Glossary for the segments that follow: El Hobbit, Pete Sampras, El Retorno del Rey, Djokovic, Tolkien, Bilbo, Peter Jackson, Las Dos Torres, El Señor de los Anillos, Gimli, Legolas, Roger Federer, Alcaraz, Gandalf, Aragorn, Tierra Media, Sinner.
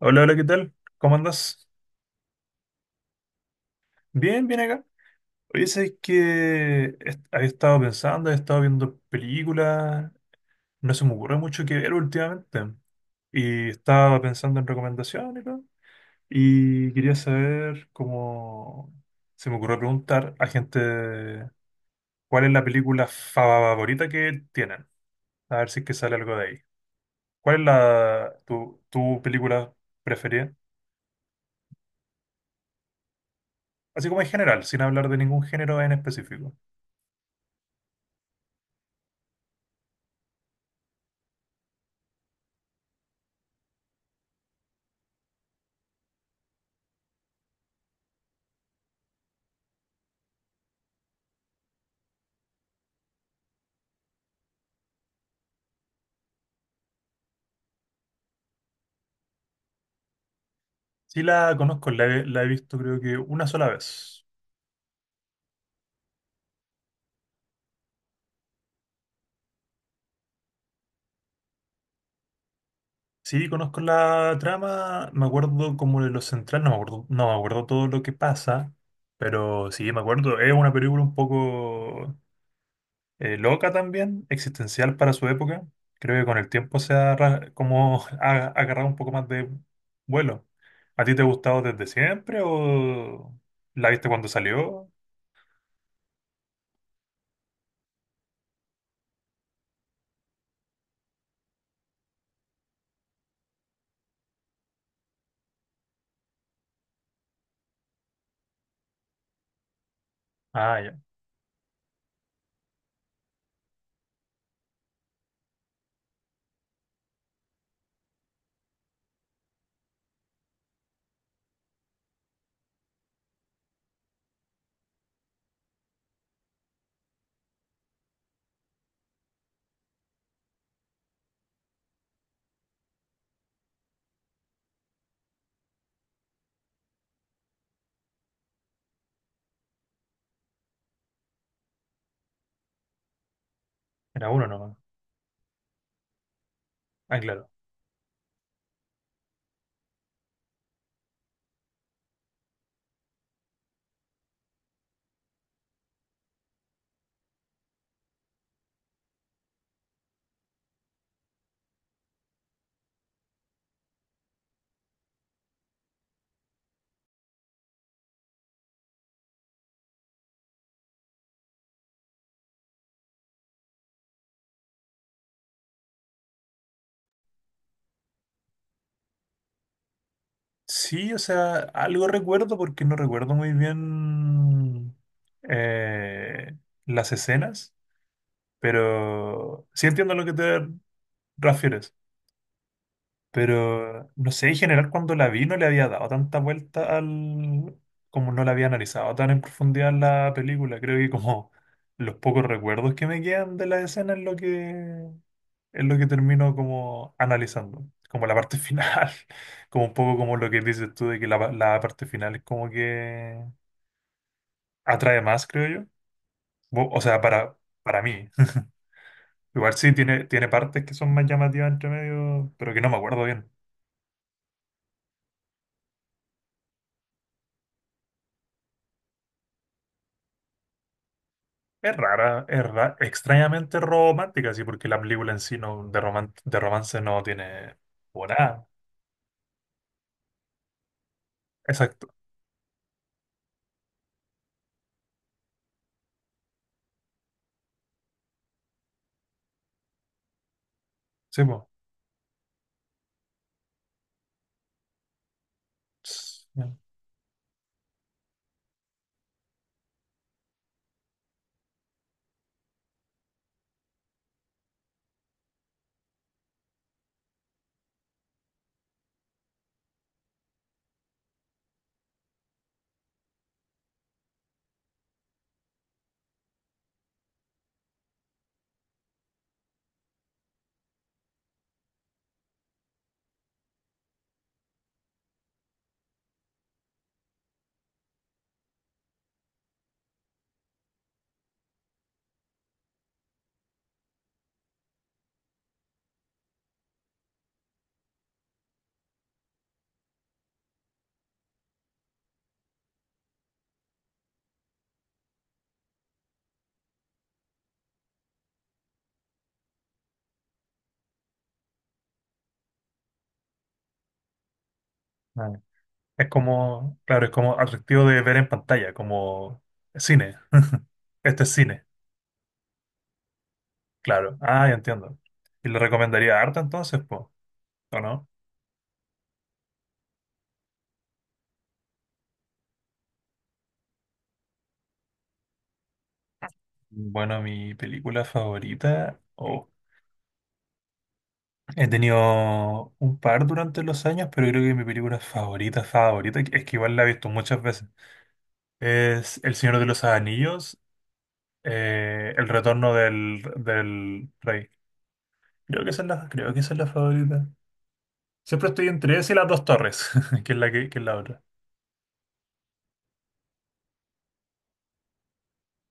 Hola, hola, ¿qué tal? ¿Cómo andas? Bien, bien acá. Oye, sabes que había estado pensando, he estado viendo películas, no se me ocurre mucho que ver últimamente. Y estaba pensando en recomendaciones, ¿no? Y quería saber cómo se me ocurrió preguntar a gente cuál es la película favorita que tienen. A ver si es que sale algo de ahí. ¿Cuál es tu película preferida? Así como en general, sin hablar de ningún género en específico. Sí la conozco, la he visto creo que una sola vez. Sí, conozco la trama, me acuerdo como de lo central, no me acuerdo todo lo que pasa, pero sí, me acuerdo, es una película un poco loca también, existencial para su época. Creo que con el tiempo se ha ra- como ha agarrado un poco más de vuelo. ¿A ti te ha gustado desde siempre o la viste cuando salió? Ah, ya, era uno nomás. Ah, claro. Sí, o sea, algo recuerdo porque no recuerdo muy bien eh, las escenas, pero sí entiendo a lo que te refieres. Pero no sé, en general cuando la vi no le había dado tanta vuelta al... como no la había analizado tan en profundidad la película. Creo que como los pocos recuerdos que me quedan de la escena es lo que termino como analizando. Como la parte final. Como un poco como lo que dices tú de que la parte final es como que atrae más, creo yo. Bo- O sea, para, para mí. Igual sí tiene partes que son más llamativas entre medio, pero que no me acuerdo bien. Es rara, extrañamente romántica, sí, porque la película en sí no, de romance no tiene o nada. Exacto, sí, po. Ts- ya. Ah. Es como, claro, es como atractivo de ver en pantalla, como cine. Este es cine, claro. Ah, ya entiendo. ¿Y le recomendaría harta entonces, po? ¿O no? Bueno, mi película favorita. Oh, He tenido un par durante los años, pero creo que mi película favorita, favorita, es que igual la he visto muchas veces. Es El Señor de los Anillos, El Retorno del Rey. Creo que esa es la favorita. Siempre estoy entre esa y Las Dos Torres, que es la, que es la otra.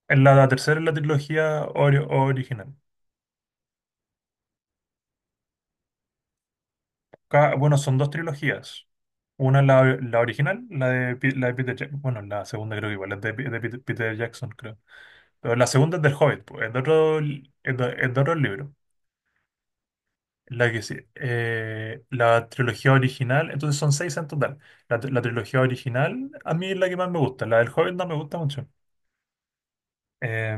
En la tercera es la trilogía original. Bueno, son dos trilogías. Una es la original, la de Peter Jackson. Bueno, la segunda creo que igual es de Peter Jackson, creo. Pero la segunda es del Hobbit, pues, es de otro libro. La que sí, la trilogía original, entonces son seis en total. La trilogía original a mí es la que más me gusta, la del Hobbit no me gusta mucho. Eh,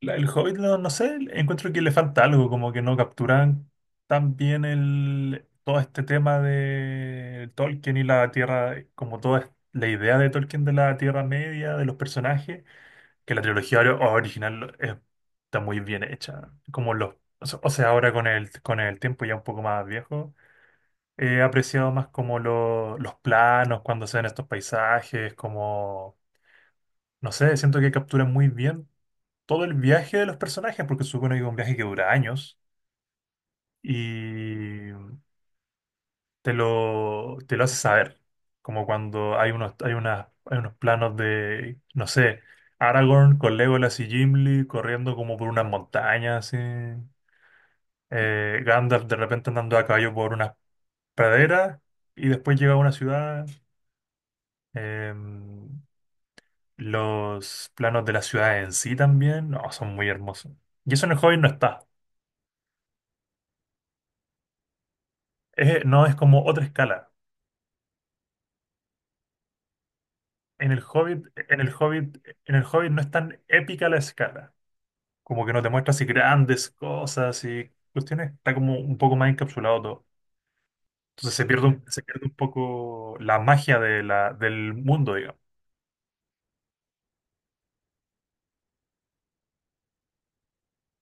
la del Hobbit, no, no sé, encuentro que le falta algo, como que no capturan tan bien el, todo este tema de Tolkien y la Tierra, como toda la idea de Tolkien de la Tierra Media, de los personajes, que la trilogía original está muy bien hecha. Como los, o sea, ahora con el tiempo ya un poco más viejo. He apreciado más como los planos cuando se ven estos paisajes, como, no sé, siento que capturan muy bien todo el viaje de los personajes, porque supone que es un viaje que dura años y te lo hace saber, como cuando hay unos planos de, no sé, Aragorn con Legolas y Gimli corriendo como por unas montañas, así. Gandalf de repente andando a caballo por unas praderas y después llega a una ciudad. em, Los planos de la ciudad en sí también, no, son muy hermosos. Y eso en el Hobbit no está. Es- no es como otra escala. En el Hobbit, en el Hobbit, en el Hobbit no es tan épica la escala. Como que no te muestra así grandes cosas y cuestiones. Está como un poco más encapsulado todo. Entonces se pierde un poco la magia de la, del mundo.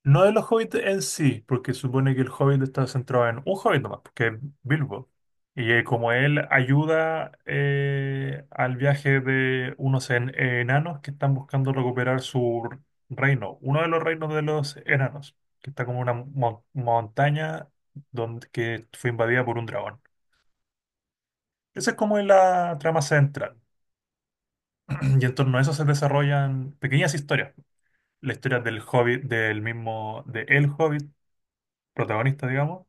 No de los hobbits en sí, porque supone que el hobbit está centrado en un hobbit nomás, porque es Bilbo. Y como él ayuda al viaje de unos enanos que están buscando recuperar su reino, uno de los reinos de los enanos, que está como una montaña donde, que fue invadida por un dragón. Esa es como la trama central. Y en torno a eso se desarrollan pequeñas historias. La historia del hobbit, de El Hobbit, protagonista, digamos.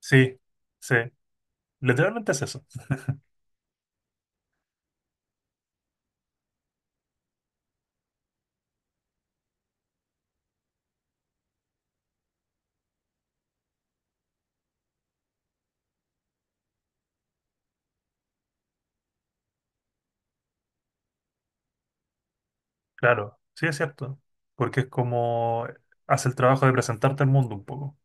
Sí, sí, literalmente es eso, claro, sí es cierto, porque es como hace el trabajo de presentarte al mundo un poco.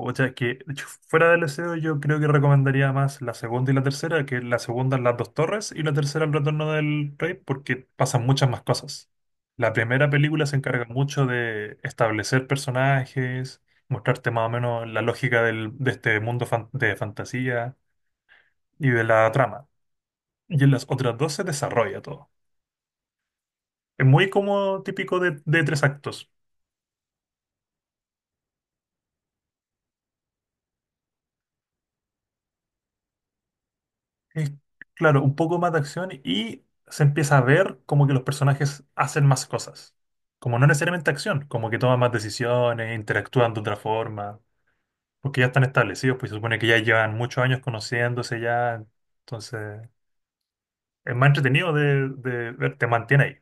O sea, que de hecho, fuera del SEO yo creo que recomendaría más la segunda y la tercera, que la segunda es Las Dos Torres y la tercera El Retorno del Rey, porque pasan muchas más cosas. La primera película se encarga mucho de establecer personajes, mostrarte más o menos la lógica de este mundo de fantasía y de la trama. Y en las otras dos se desarrolla todo. Es muy como típico de tres actos. Es, claro, un poco más de acción y se empieza a ver como que los personajes hacen más cosas. Como no necesariamente acción, como que toman más decisiones, interactúan de otra forma, porque ya están establecidos, pues se supone que ya llevan muchos años conociéndose ya. Entonces, es más entretenido de ver, te mantiene ahí.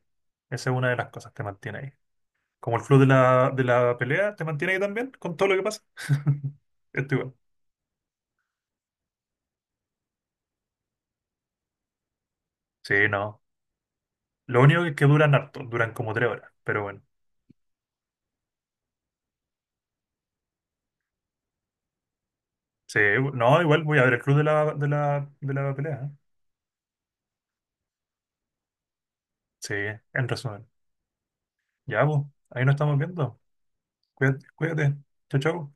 Esa es una de las cosas, te mantiene ahí. Como el flow de la pelea, te mantiene ahí también, con todo lo que pasa. Esto igual. Sí, no. Lo único que es que duran harto, duran como 3 horas, pero bueno. Sí, no, igual voy a ver el club de la pelea. ¿Eh? Sí, en resumen. Ya, pues, ahí nos estamos viendo. Cuídate, cuídate. Chau, chau.